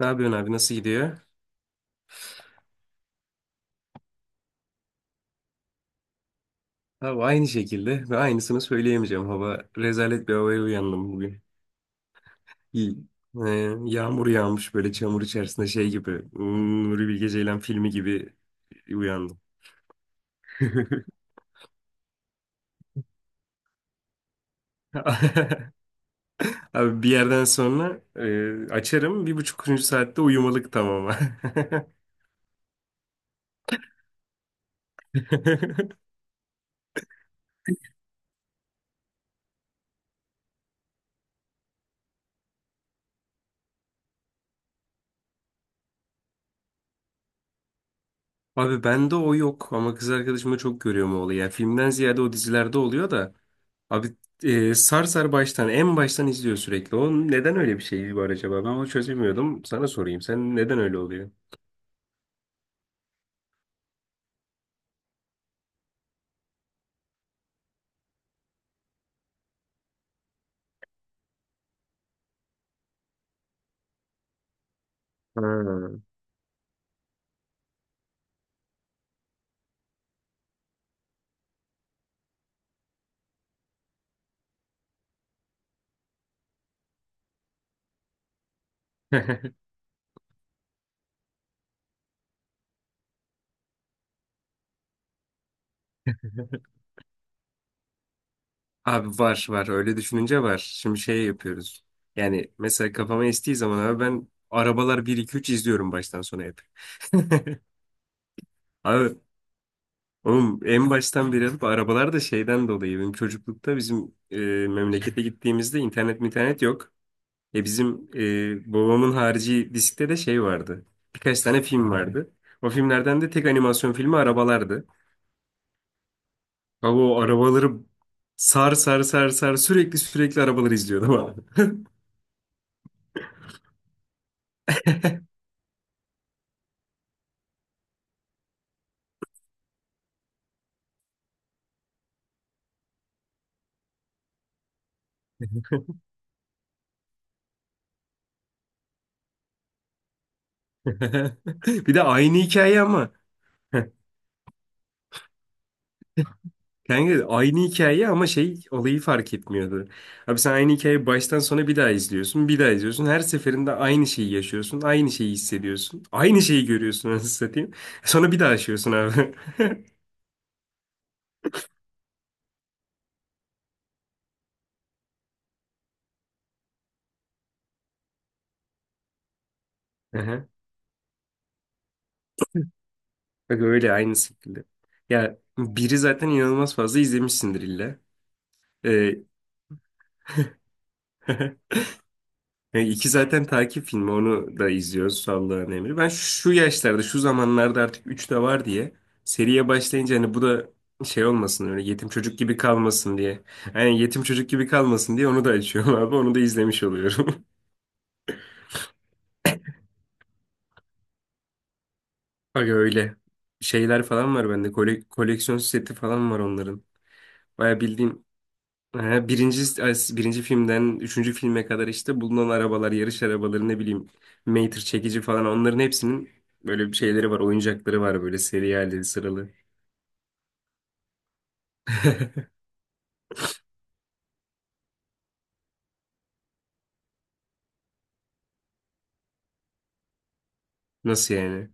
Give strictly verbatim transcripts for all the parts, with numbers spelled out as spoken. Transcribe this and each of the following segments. Ne yapıyorsun abi, nasıl gidiyor? Abi aynı şekilde ve aynısını söyleyemeyeceğim. Hava rezalet, bir havaya uyandım bugün. Y- e, Yağmur yağmış böyle çamur içerisinde şey gibi. hmm, Nuri Bilge Ceylan filmi gibi uyandım. Abi bir yerden sonra, e, açarım bir buçuk buçukuncu saatte uyumalık, tamam. Abi bende o yok ama kız arkadaşımda çok görüyorum o olayı. Yani filmden ziyade o dizilerde oluyor da. Abi, e, sar sar baştan en baştan izliyor sürekli. O neden, öyle bir şey var acaba? Ben onu çözemiyordum. Sana sorayım, sen neden öyle oluyor? Ha. Abi var var, öyle düşününce var. Şimdi şey yapıyoruz. Yani mesela kafama estiği zaman abi ben arabalar bir iki üç izliyorum baştan sona hep. Abi oğlum, en baştan beri alıp arabalar da şeyden dolayı, benim çocuklukta bizim, e, memlekete gittiğimizde internet internet yok. E bizim, e, babamın harici diskte de şey vardı. Birkaç tane film vardı. O filmlerden de tek animasyon filmi arabalardı. Ama o arabaları sar sar sar sar sürekli sürekli arabaları izliyordum abi. Bir de aynı hikaye ama. Kanka aynı hikaye ama şey olayı fark etmiyordu. Abi sen aynı hikayeyi baştan sona bir daha izliyorsun, bir daha izliyorsun. Her seferinde aynı şeyi yaşıyorsun, aynı şeyi hissediyorsun. Aynı şeyi görüyorsun anasını satayım. Sonra bir daha yaşıyorsun abi. Bak öyle, aynı şekilde. Ya biri zaten inanılmaz fazla izlemişsindir illa. Ee, yani iki zaten takip filmi, onu da izliyoruz Allah'ın emri. Ben şu yaşlarda, şu zamanlarda artık üç de var diye seriye başlayınca hani bu da şey olmasın, öyle yetim çocuk gibi kalmasın diye. Yani yetim çocuk gibi kalmasın diye onu da açıyorum abi, onu da izlemiş oluyorum. Bak öyle şeyler falan var bende, kole- koleksiyon seti falan var onların. Baya bildiğin. Ha, birinci, birinci filmden üçüncü filme kadar işte bulunan arabalar, yarış arabaları, ne bileyim Mater, çekici, falan, onların hepsinin böyle bir şeyleri var, oyuncakları var, böyle seri halde sıralı. Nasıl yani?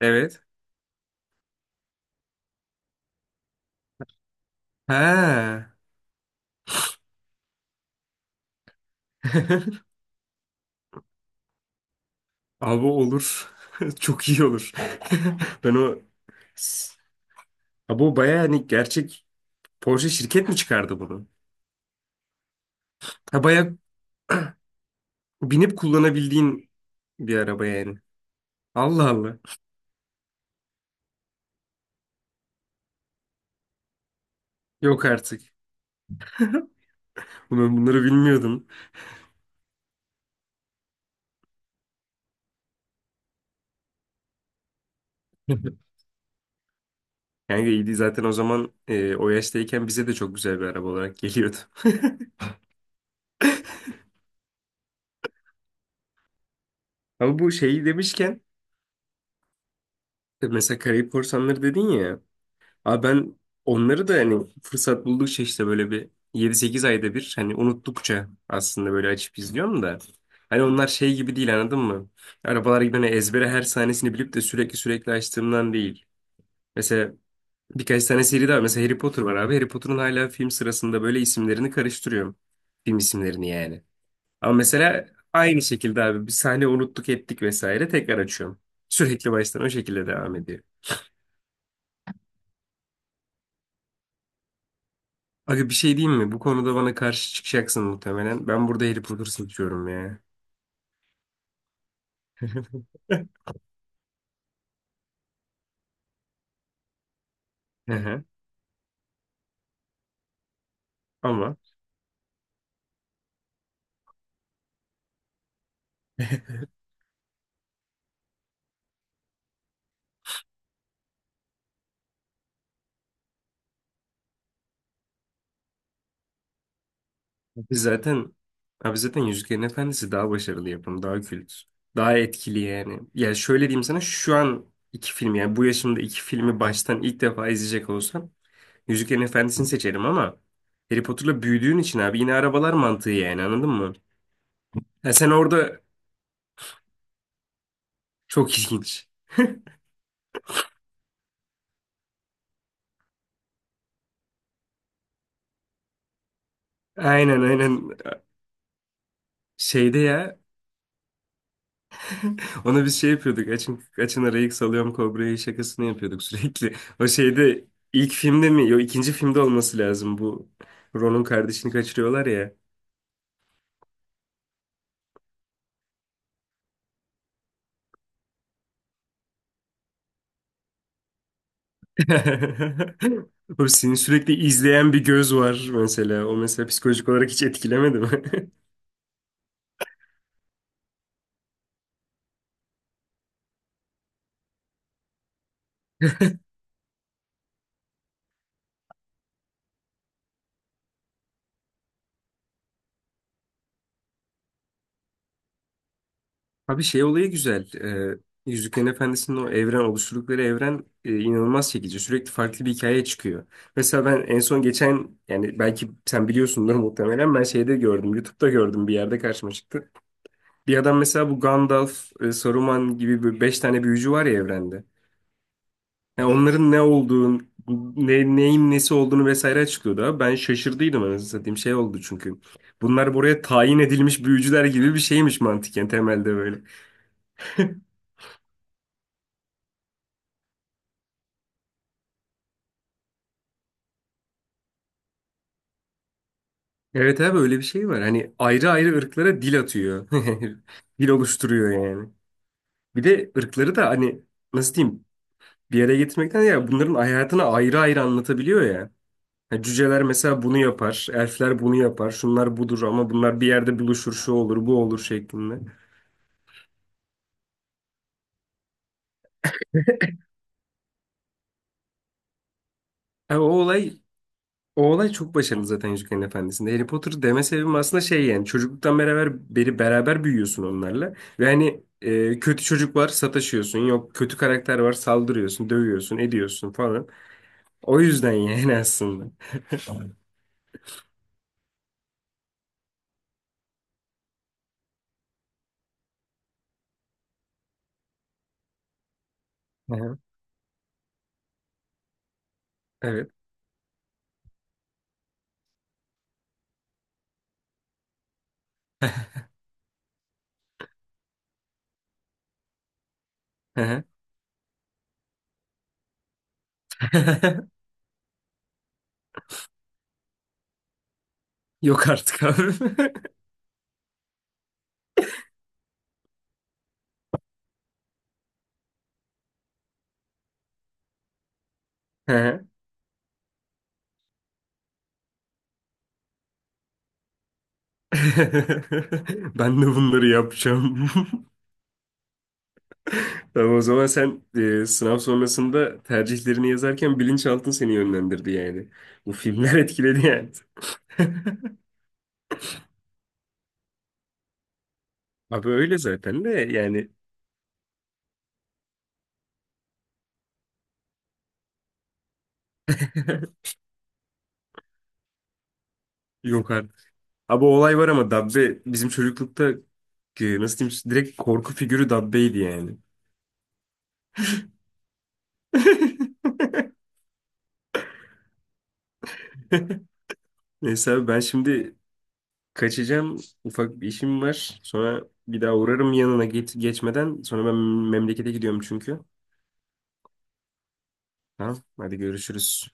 Evet. Ha. Abi olur. Çok iyi olur. Ben o Abi o baya hani gerçek, Porsche şirket mi çıkardı bunu? Ha, baya binip kullanabildiğin bir araba yani. Allah Allah. Yok artık. Ben bunları bilmiyordum. Kanka iyiydi zaten o zaman, e, o yaştayken bize de çok güzel bir araba olarak geliyordu. Ama bu şeyi demişken, e, mesela Karayip Korsanları dedin ya. Abi ben onları da hani fırsat buldukça işte böyle bir yedi sekiz ayda bir, hani unuttukça aslında, böyle açıp izliyorum da. Hani onlar şey gibi değil, anladın mı? Arabalar gibi hani ezbere her sahnesini bilip de sürekli sürekli açtığımdan değil. Mesela birkaç tane seri daha var. Mesela Harry Potter var abi. Harry Potter'ın hala film sırasında böyle isimlerini karıştırıyorum. Film isimlerini yani. Ama mesela aynı şekilde abi, bir sahne unuttuk ettik vesaire, tekrar açıyorum. Sürekli baştan o şekilde devam ediyor. Aga bir şey diyeyim mi? Bu konuda bana karşı çıkacaksın muhtemelen. Ben burada Harry Potter seçiyorum ya. Hı hı. Ama biz zaten abi zaten Yüzüklerin Efendisi daha başarılı yapım, daha kült, daha etkili yani. Ya şöyle diyeyim sana, şu an iki film, yani bu yaşımda iki filmi baştan ilk defa izleyecek olsam Yüzüklerin Efendisi'ni seçerim ama Harry Potter'la büyüdüğün için abi, yine arabalar mantığı yani, anladın mı? Ha sen orada Çok ilginç. Aynen aynen, şeyde ya, ona biz şey yapıyorduk, açın açın arayı salıyorum kobrayı şakasını yapıyorduk sürekli. O şeyde, ilk filmde mi yok ikinci filmde olması lazım bu, Ron'un kardeşini kaçırıyorlar ya. O seni sürekli izleyen bir göz var mesela, o mesela psikolojik olarak hiç etkilemedi mi? Abi şey olayı güzel. Ee, Yüzüklerin Efendisi'nin o evren, oluşturdukları evren, e, inanılmaz çekici. Sürekli farklı bir hikaye çıkıyor. Mesela ben en son geçen, yani belki sen biliyorsundur muhtemelen, ben şeyde gördüm. YouTube'da gördüm, bir yerde karşıma çıktı. Bir adam mesela bu Gandalf, e, Saruman gibi böyle beş tane büyücü var ya evrende. Yani onların ne olduğunu, ne, neyin nesi olduğunu vesaire açıklıyordu abi. Ben şaşırdıydım anasını satayım, şey oldu çünkü. Bunlar buraya tayin edilmiş büyücüler gibi bir şeymiş mantıken, temelde böyle. Evet abi, öyle bir şey var. Hani ayrı ayrı ırklara dil atıyor. Dil oluşturuyor yani. Bir de ırkları da hani nasıl diyeyim, bir yere getirmekten ya bunların hayatını ayrı ayrı anlatabiliyor ya. Ha, cüceler mesela bunu yapar. Elfler bunu yapar. Şunlar budur ama bunlar bir yerde buluşur. Şu olur bu olur şeklinde. Abi o olay O olay çok başarılı zaten Yüzüklerin Efendisi'nde. Harry Potter deme sebebim aslında şey, yani çocukluktan beraber beri beraber büyüyorsun onlarla. Ve hani, e, kötü çocuk var sataşıyorsun. Yok kötü karakter var, saldırıyorsun, dövüyorsun, ediyorsun falan. O yüzden yani aslında. Hı hı. Evet. Hı hı. Yok artık abi. Hı hı. Ben de bunları yapacağım. Tamam o zaman sen, e, sınav sonrasında tercihlerini yazarken bilinçaltın seni yönlendirdi yani. Bu filmler etkiledi yani. Abi öyle zaten de yani. Yok artık. Abi o olay var ama Dabbe bizim çocuklukta, e, nasıl diyeyim direkt korku figürü Dabbe'ydi yani. Neyse abi, ben şimdi kaçacağım. Ufak bir işim var. Sonra bir daha uğrarım yanına, geç, geçmeden. Sonra ben memlekete gidiyorum çünkü. Tamam, hadi görüşürüz.